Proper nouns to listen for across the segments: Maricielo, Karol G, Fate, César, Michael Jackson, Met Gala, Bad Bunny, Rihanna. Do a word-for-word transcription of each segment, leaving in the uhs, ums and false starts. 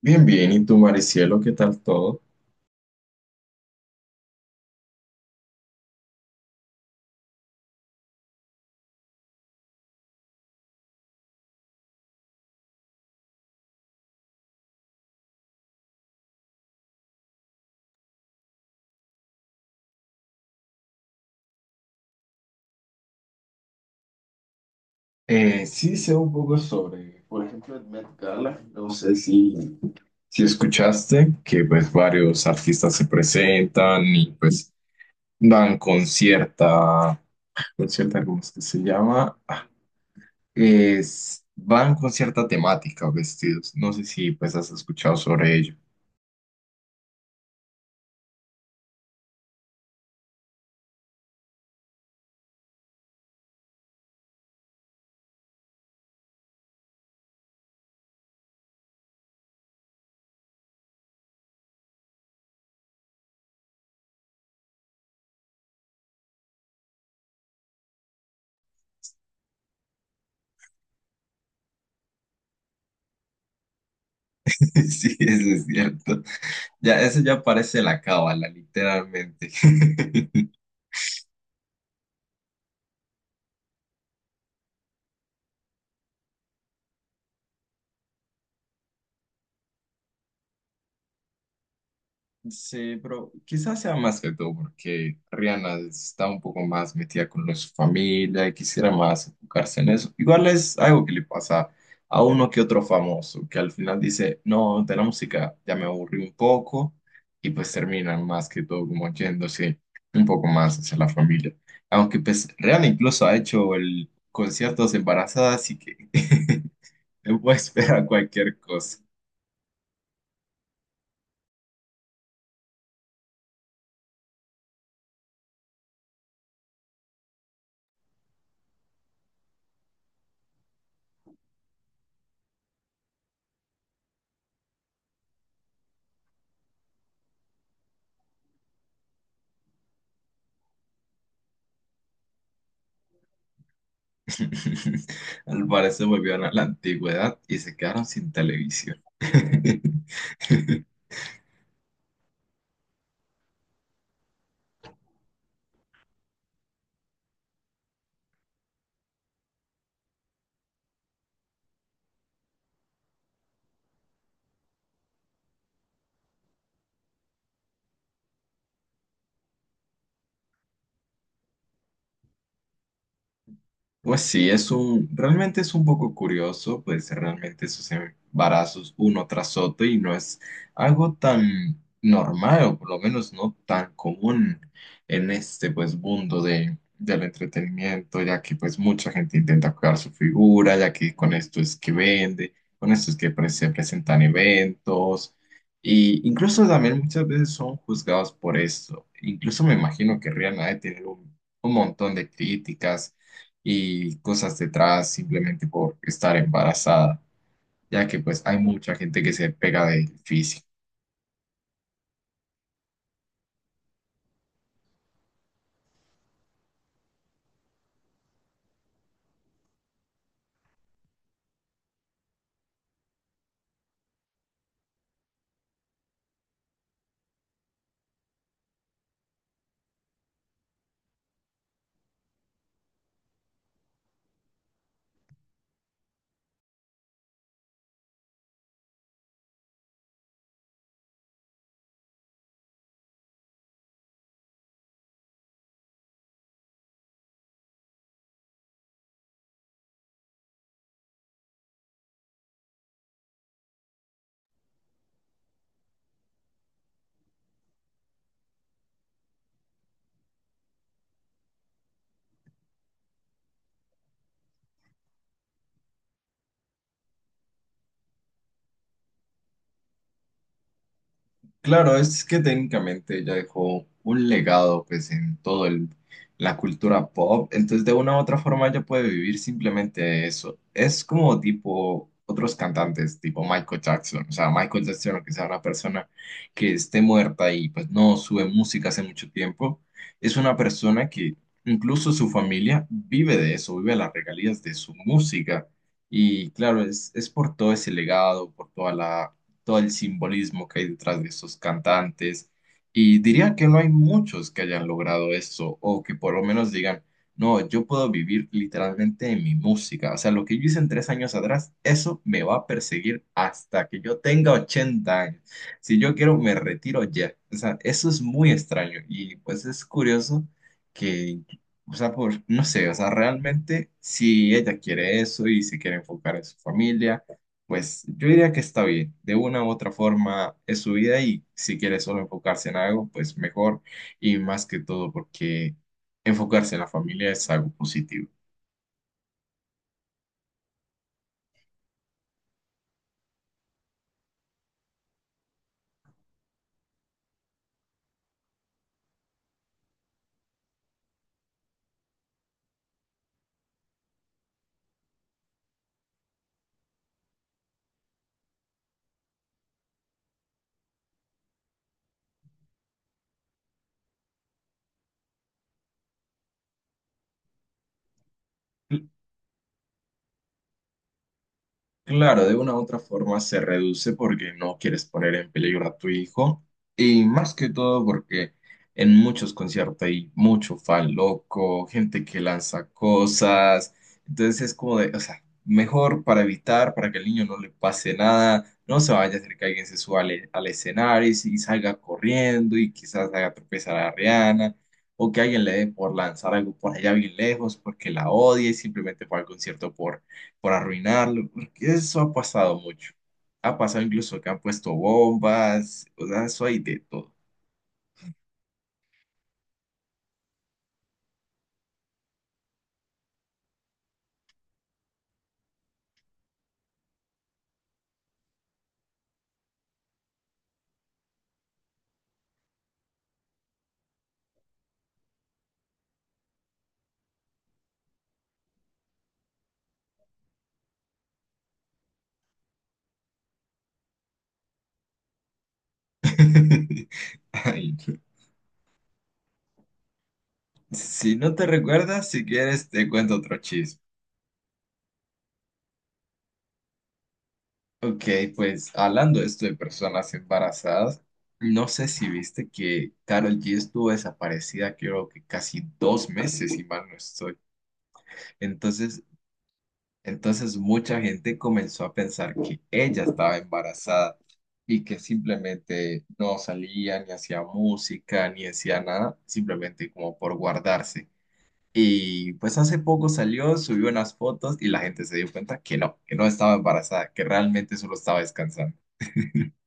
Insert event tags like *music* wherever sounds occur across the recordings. Bien, bien. ¿Y tú, Maricielo, qué tal todo? Eh, sí sé un poco sobre, por ejemplo, el Met Gala. No sé si... Si escuchaste que pues varios artistas se presentan y pues dan con cierta, con cierta, ¿cómo es que se llama? Es, van con cierta temática vestidos. No sé si pues has escuchado sobre ello. *laughs* Sí, eso es cierto. Ya, eso ya parece la cábala, literalmente. *laughs* Sí, pero quizás sea más que todo porque Rihanna está un poco más metida con lo de su familia y quisiera más enfocarse en eso. Igual es algo que le pasa a uno que otro famoso, que al final dice, no, de la música ya me aburrí un poco y pues terminan más que todo como yéndose un poco más hacia la familia. Aunque pues Rihanna incluso ha hecho el conciertos embarazada, así que *laughs* me puedo esperar cualquier cosa. *laughs* Al parecer volvieron a la antigüedad y se quedaron sin televisión. *laughs* Pues sí, es un, realmente es un poco curioso, pues realmente esos embarazos uno tras otro y no es algo tan normal o por lo menos no tan común en este pues mundo de, del entretenimiento, ya que pues mucha gente intenta cuidar su figura, ya que con esto es que vende, con esto es que pre- se presentan eventos y incluso también muchas veces son juzgados por esto. Incluso me imagino que Rihanna debe tener un un montón de críticas y cosas detrás simplemente por estar embarazada, ya que pues hay mucha gente que se pega del físico. Claro, es que técnicamente ella dejó un legado pues en todo el, la cultura pop, entonces de una u otra forma ella puede vivir simplemente de eso. Es como tipo otros cantantes, tipo Michael Jackson, o sea, Michael Jackson, aunque sea una persona que esté muerta y pues no sube música hace mucho tiempo, es una persona que incluso su familia vive de eso, vive las regalías de su música. Y claro, es, es por todo ese legado, por toda la todo el simbolismo que hay detrás de esos cantantes. Y diría que no hay muchos que hayan logrado eso o que por lo menos digan, no, yo puedo vivir literalmente en mi música. O sea, lo que yo hice en tres años atrás, eso me va a perseguir hasta que yo tenga ochenta años. Si yo quiero, me retiro ya. O sea, eso es muy extraño y pues es curioso que... O sea, por, no sé, o sea, realmente si ella quiere eso y se quiere enfocar en su familia, pues yo diría que está bien. De una u otra forma es su vida y si quiere solo enfocarse en algo, pues mejor. Y más que todo porque enfocarse en la familia es algo positivo. Claro, de una u otra forma se reduce porque no quieres poner en peligro a tu hijo y más que todo porque en muchos conciertos hay mucho fan loco, gente que lanza cosas, entonces es como de, o sea, mejor para evitar, para que al niño no le pase nada, no se vaya a hacer que alguien se suba al, e, al escenario y, si- y salga corriendo y quizás haga tropezar a Rihanna o que alguien le dé por lanzar algo por allá bien lejos porque la odia y simplemente fue al concierto por, por arruinarlo. Eso ha pasado mucho. Ha pasado incluso que han puesto bombas, o sea, eso hay de todo. *laughs* Ay, no. Si no te recuerdas, si quieres, te cuento otro chisme. Ok, pues hablando de esto de personas embarazadas, no sé si viste que Karol G estuvo desaparecida, creo que casi dos meses, si mal no estoy. Entonces Entonces mucha gente comenzó a pensar que ella estaba embarazada y que simplemente no salía, ni hacía música, ni hacía nada, simplemente como por guardarse. Y pues hace poco salió, subió unas fotos y la gente se dio cuenta que no, que no estaba embarazada, que realmente solo estaba descansando. *laughs*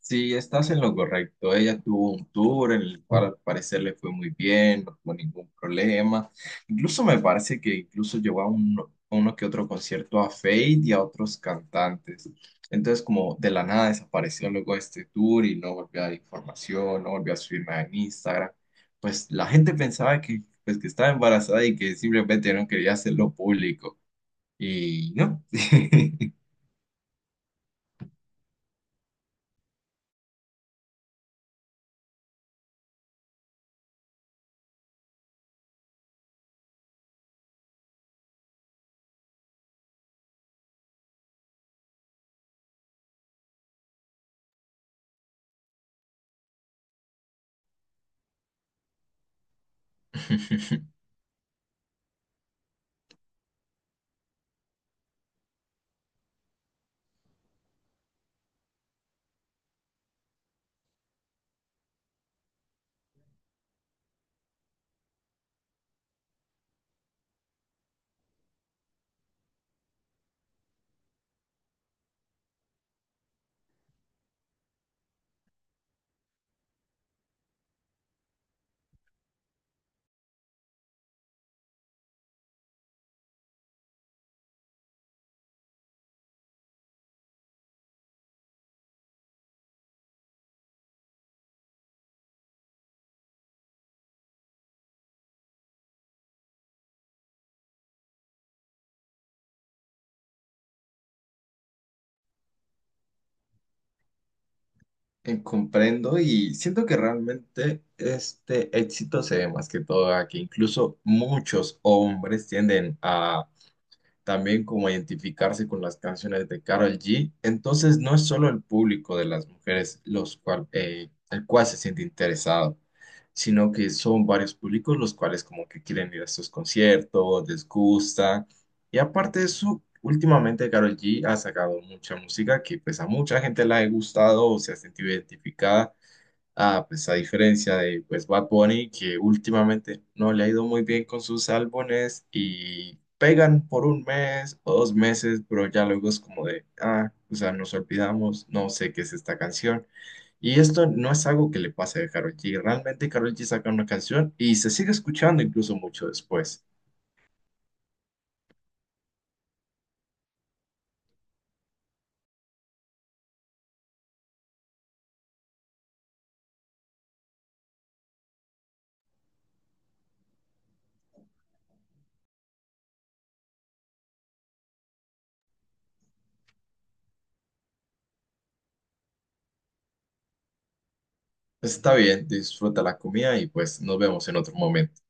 Sí, estás en lo correcto. Ella tuvo un tour en el cual al parecer le fue muy bien, no tuvo ningún problema. Incluso me parece que incluso llevó a uno, a uno que otro concierto a Fate y a otros cantantes. Entonces como de la nada desapareció luego este tour y no volvió a dar información, no volvió a subir nada en Instagram. Pues la gente pensaba que, pues, que estaba embarazada y que simplemente no quería hacerlo público. Y no. *laughs* Eh, comprendo y siento que realmente este éxito se ve más que todo a que incluso muchos hombres tienden a también como identificarse con las canciones de Karol G. Entonces no es solo el público de las mujeres los cual, eh, el cual se siente interesado, sino que son varios públicos los cuales como que quieren ir a estos conciertos, les gusta. Y aparte de eso, últimamente Karol G ha sacado mucha música que pues a mucha gente la ha gustado o se ha sentido identificada. Ah, pues a diferencia de pues Bad Bunny, que últimamente no le ha ido muy bien con sus álbumes y pegan por un mes o dos meses, pero ya luego es como de, ah, o sea, nos olvidamos, no sé qué es esta canción. Y esto no es algo que le pase a Karol G. Realmente Karol G saca una canción y se sigue escuchando incluso mucho después. Pues, está bien, disfruta la comida y pues nos vemos en otro momento.